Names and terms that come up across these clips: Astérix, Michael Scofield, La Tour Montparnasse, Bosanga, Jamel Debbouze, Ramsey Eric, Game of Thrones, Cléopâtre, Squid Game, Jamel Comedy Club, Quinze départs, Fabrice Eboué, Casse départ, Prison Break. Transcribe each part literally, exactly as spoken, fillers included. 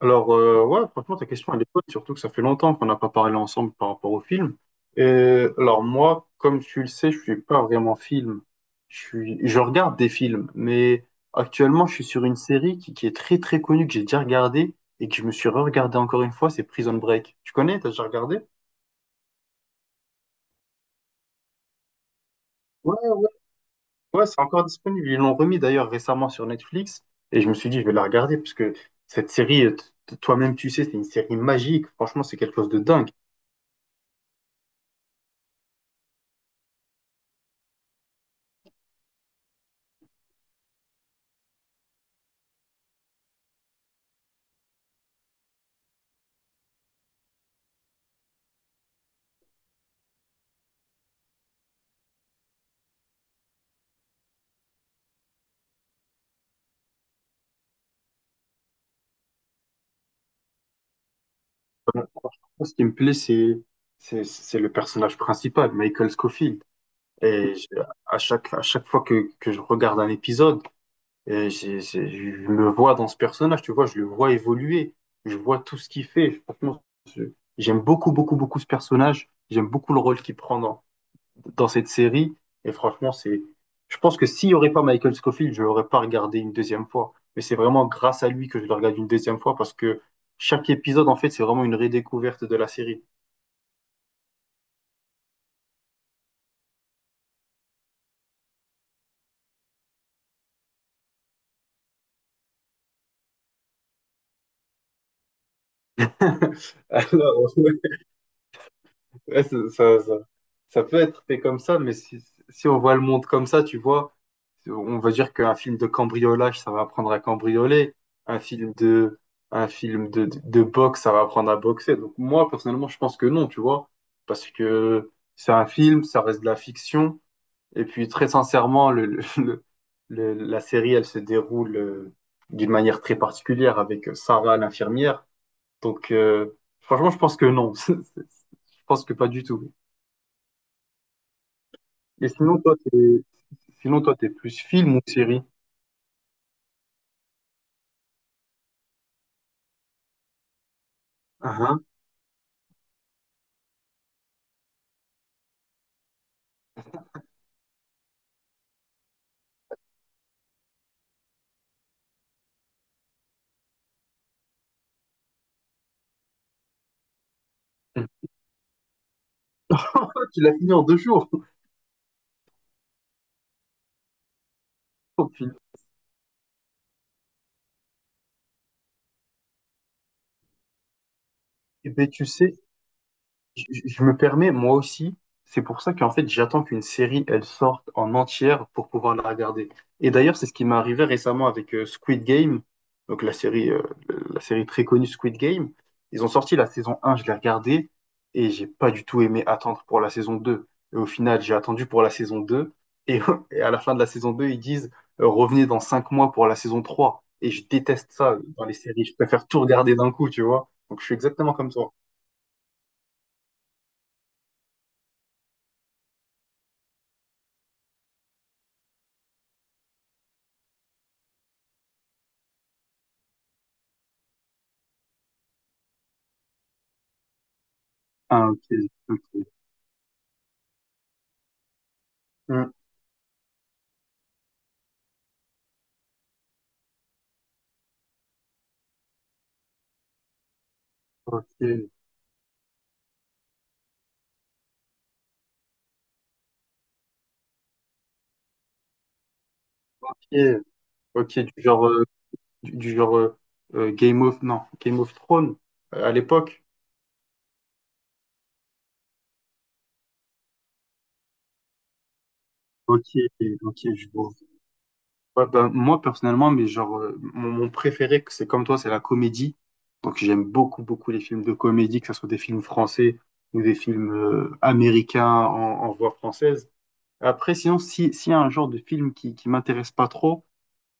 Alors, euh, ouais, franchement, ta question, elle est bonne, surtout que ça fait longtemps qu'on n'a pas parlé ensemble par rapport au film. Et, alors, moi, comme tu le sais, je suis pas vraiment film. Je suis, je regarde des films, mais actuellement, je suis sur une série qui, qui est très, très connue, que j'ai déjà regardée et que je me suis re-regardée encore une fois, c'est Prison Break. Tu connais? T'as déjà regardé? Ouais, ouais, c'est encore disponible. Ils l'ont remis d'ailleurs récemment sur Netflix et je me suis dit, je vais la regarder parce que cette série, t- t- toi-même, tu sais, c'est une série magique. Franchement, c'est quelque chose de dingue. Ce qui me plaît, c'est, c'est, c'est le personnage principal, Michael Scofield. Et je- à chaque, à chaque fois que, que je regarde un épisode, et j'ai- j'ai- je me vois dans ce personnage, tu vois, je le vois évoluer, je vois tout ce qu'il fait. Franchement, je- j'aime beaucoup, beaucoup, beaucoup ce personnage. J'aime beaucoup le rôle qu'il prend dans, dans cette série. Et franchement, c'est, je pense que s'il n'y aurait pas Michael Scofield, je ne l'aurais pas regardé une deuxième fois. Mais c'est vraiment grâce à lui que je le regarde une deuxième fois parce que chaque épisode, en fait, c'est vraiment une redécouverte de la série. Alors, ouais, ouais, ça, ça, ça- ça peut être fait comme ça, mais si, si on voit le monde comme ça, tu vois, on va dire qu'un film de cambriolage, ça va apprendre à cambrioler. Un film de, un film de, de, de boxe, ça va apprendre à boxer. Donc moi, personnellement, je pense que non, tu vois, parce que c'est un film, ça reste de la fiction. Et puis, très sincèrement, le, le- le- le- la série, elle se déroule euh, d'une manière très particulière avec Sarah, l'infirmière. Donc, euh, franchement, je pense que non. Je pense que pas du tout. Et sinon, toi, t'es, Sinon, toi, t'es plus film ou série? Ah, ah. Tu l'as fini en deux jours, ton film. Eh ben, tu sais, Je, je me permets, moi aussi, c'est pour ça qu'en fait, j'attends qu'une série, elle sorte en entière pour pouvoir la regarder. Et d'ailleurs, c'est ce qui m'est arrivé récemment avec euh, Squid Game, donc la série, euh, la série très connue Squid Game. Ils ont sorti la saison une, je l'ai regardée, et j'ai pas du tout aimé attendre pour la saison deux. Et au final, j'ai attendu pour la saison deux, et, et à la fin de la saison deux, ils disent, euh, revenez dans cinq mois pour la saison trois. Et je déteste ça dans les séries, je préfère tout regarder d'un coup, tu vois. Donc je suis exactement comme toi. Ah, ok. Ok. Hmm, ok, ok, ok, du genre, euh, du, du genre euh, euh, Game of, non, Game of Thrones euh, à l'époque. Ok, ok, je vois. Ouais, ben, moi personnellement, mais genre, euh, mon, mon préféré, que c'est comme toi, c'est la comédie. Donc j'aime beaucoup, beaucoup les films de comédie, que ce soit des films français ou des films euh, américains en, en voix française. Après, sinon, si, s'il y a un genre de film qui, qui m'intéresse pas trop,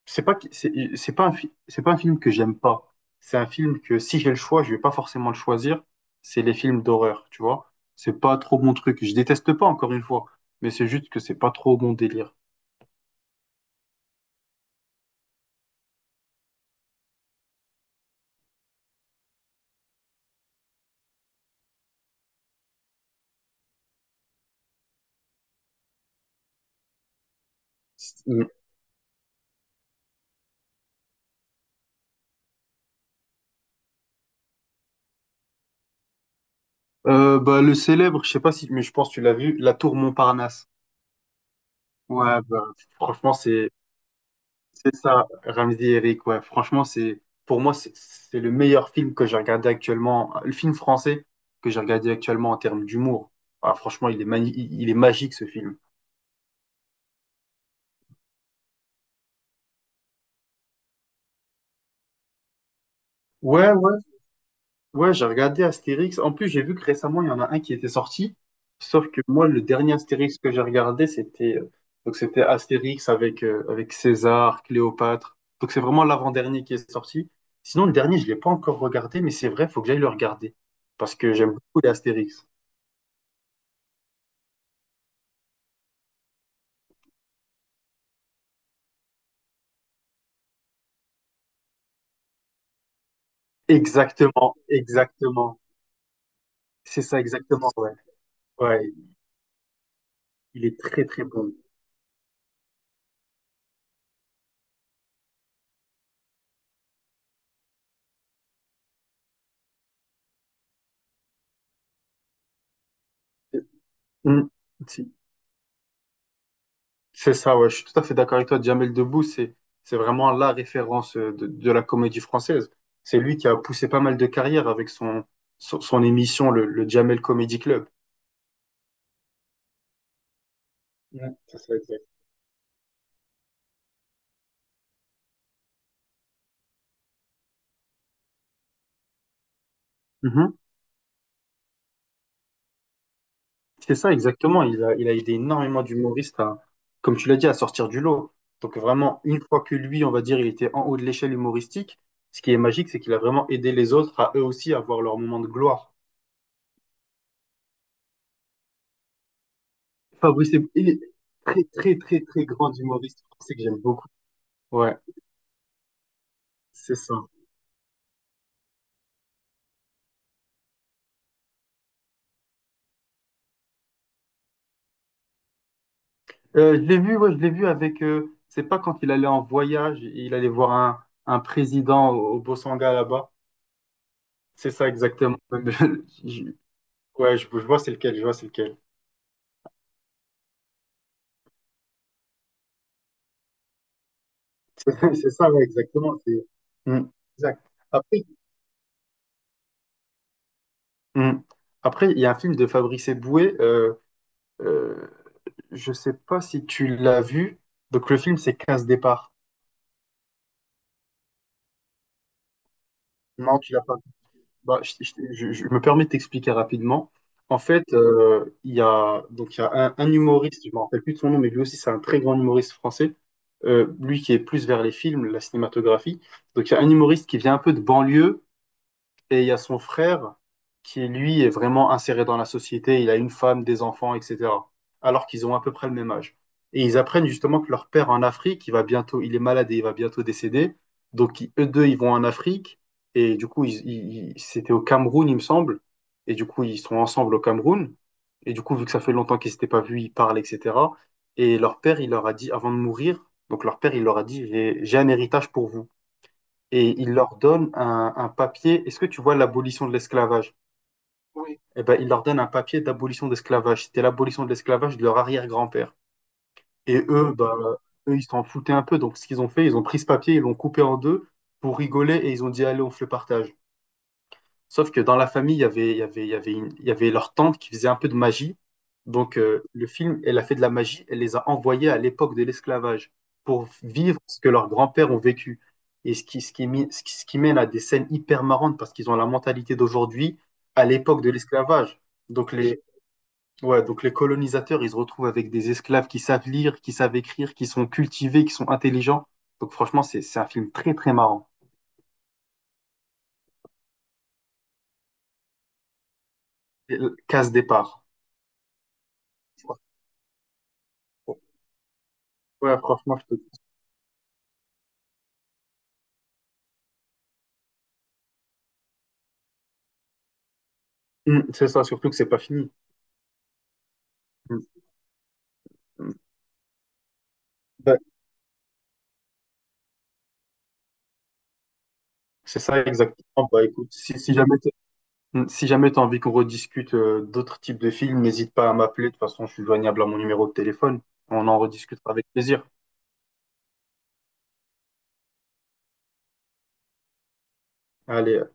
c'est pas que- c'est c'est pas un fi- c'est pas un film que j'aime pas. C'est un film que si j'ai le choix, je vais pas forcément le choisir. C'est les films d'horreur, tu vois. C'est pas trop mon truc. Je déteste pas encore une fois, mais c'est juste que c'est pas trop mon délire. Euh, bah le célèbre, je sais pas si, mais je pense que tu l'as vu, La Tour Montparnasse. Ouais, bah, franchement c'est. C'est ça, Ramsey Eric, ouais. Franchement, c'est pour moi, c'est c'est le meilleur film que j'ai regardé actuellement, le film français que j'ai regardé actuellement en termes d'humour. Ah, franchement, il est mani- il il est magique ce film. Ouais, ouais, ouais, j'ai regardé Astérix. En plus, j'ai vu que récemment, il y en a un qui était sorti. Sauf que moi, le dernier Astérix que j'ai regardé, c'était euh, donc c'était Astérix avec, euh, avec César, Cléopâtre. Donc c'est vraiment l'avant-dernier qui est sorti. Sinon, le dernier, je l'ai pas encore regardé, mais c'est vrai, faut que j'aille le regarder. Parce que j'aime beaucoup les Astérix. Exactement, exactement. C'est ça, exactement, ouais. Ouais, il est très, très bon. Mm, si, c'est ça, ouais, je suis tout à fait d'accord avec toi. Jamel Debbouze, c'est, c'est vraiment la référence euh, de, de la comédie française. C'est lui qui a poussé pas mal de carrières avec son, son, son émission, le, le Jamel Comedy Club. Ouais, c'est ça, exact. C'est ça, exactement. Il a, il a aidé énormément d'humoristes à, comme tu l'as dit, à sortir du lot. Donc vraiment, une fois que lui, on va dire, il était en haut de l'échelle humoristique, ce qui est magique, c'est qu'il a vraiment aidé les autres à eux aussi avoir leur moment de gloire. Fabrice, est- il est très, très, très, très grand humoriste français. Que j'aime beaucoup. Ouais, c'est ça. Euh, je l'ai vu, ouais, je l'ai vu avec, euh, c'est pas quand il allait en voyage, il allait voir un, un président au, au Bosanga là-bas. C'est ça, exactement. Je- ouais, je, je vois c'est lequel, je vois c'est lequel. C'est ça, ouais, exactement. C'est Mm, exact. Après, mm. Après, il y a un film de Fabrice Eboué, euh, euh, je sais pas si tu l'as vu. Donc le film, c'est Quinze départs. Non, tu l'as pas. vu. Bah, je, je- je- je me permets de t'expliquer rapidement. En fait, euh, il y a, donc, il y a un, un humoriste, je me rappelle plus de son nom, mais lui aussi, c'est un très grand humoriste français. Euh, lui qui est plus vers les films, la cinématographie. Donc, il y a un humoriste qui vient un peu de banlieue. Et il y a son frère qui, lui, est vraiment inséré dans la société. Il a une femme, des enfants, et cetera. Alors qu'ils ont à peu près le même âge. Et ils apprennent justement que leur père en Afrique, il va bientôt, il est malade et il va bientôt décéder. Donc, ils- eux deux, ils vont en Afrique. Et du coup, ils, ils- ils- c'était au Cameroun, il me semble. Et du coup, ils sont ensemble au Cameroun. Et du coup, vu que ça fait longtemps qu'ils s'étaient pas vus, ils parlent, et cetera. Et leur père, il leur a dit, avant de mourir, donc leur père, il leur a dit, j'ai j'ai un héritage pour vous et il leur donne un, un papier. Est-ce que tu vois l'abolition de l'esclavage? Oui, eh ben, il leur donne un papier d'abolition d'esclavage. C'était l'abolition de l'esclavage de leur arrière-grand-père. Et eux, bah, ok. eux, ils s'en foutaient un peu. Donc, ce qu'ils ont fait, ils ont pris ce papier, ils l'ont coupé en deux pour rigoler et ils ont dit, allez, on fait le partage. Sauf que dans la famille, il y avait, il y avait, il y avait, une- il y avait leur tante qui faisait un peu de magie. Donc, euh, le film, elle a fait de la magie, elle les a envoyés à l'époque de l'esclavage pour vivre ce que leurs grands-pères ont vécu. Et ce qui, ce qui, mi- ce qui, ce qui mène à des scènes hyper marrantes parce qu'ils ont la mentalité d'aujourd'hui à l'époque de l'esclavage. Donc les, ouais, donc les colonisateurs, ils se retrouvent avec des esclaves qui savent lire, qui savent écrire, qui sont cultivés, qui sont intelligents. Donc franchement, c'est, c'est un film très, très marrant. Et, euh, Casse départ. Ouais, franchement, je te. Mm, c'est ça, surtout que c'est pas fini. Mm. Ouais. C'est ça exactement. Bah écoute, si, si jamais t'as- mm, si jamais t'as envie qu'on rediscute euh, d'autres types de films, n'hésite pas à m'appeler. De toute façon, je suis joignable à mon numéro de téléphone. On en rediscutera avec plaisir. Allez.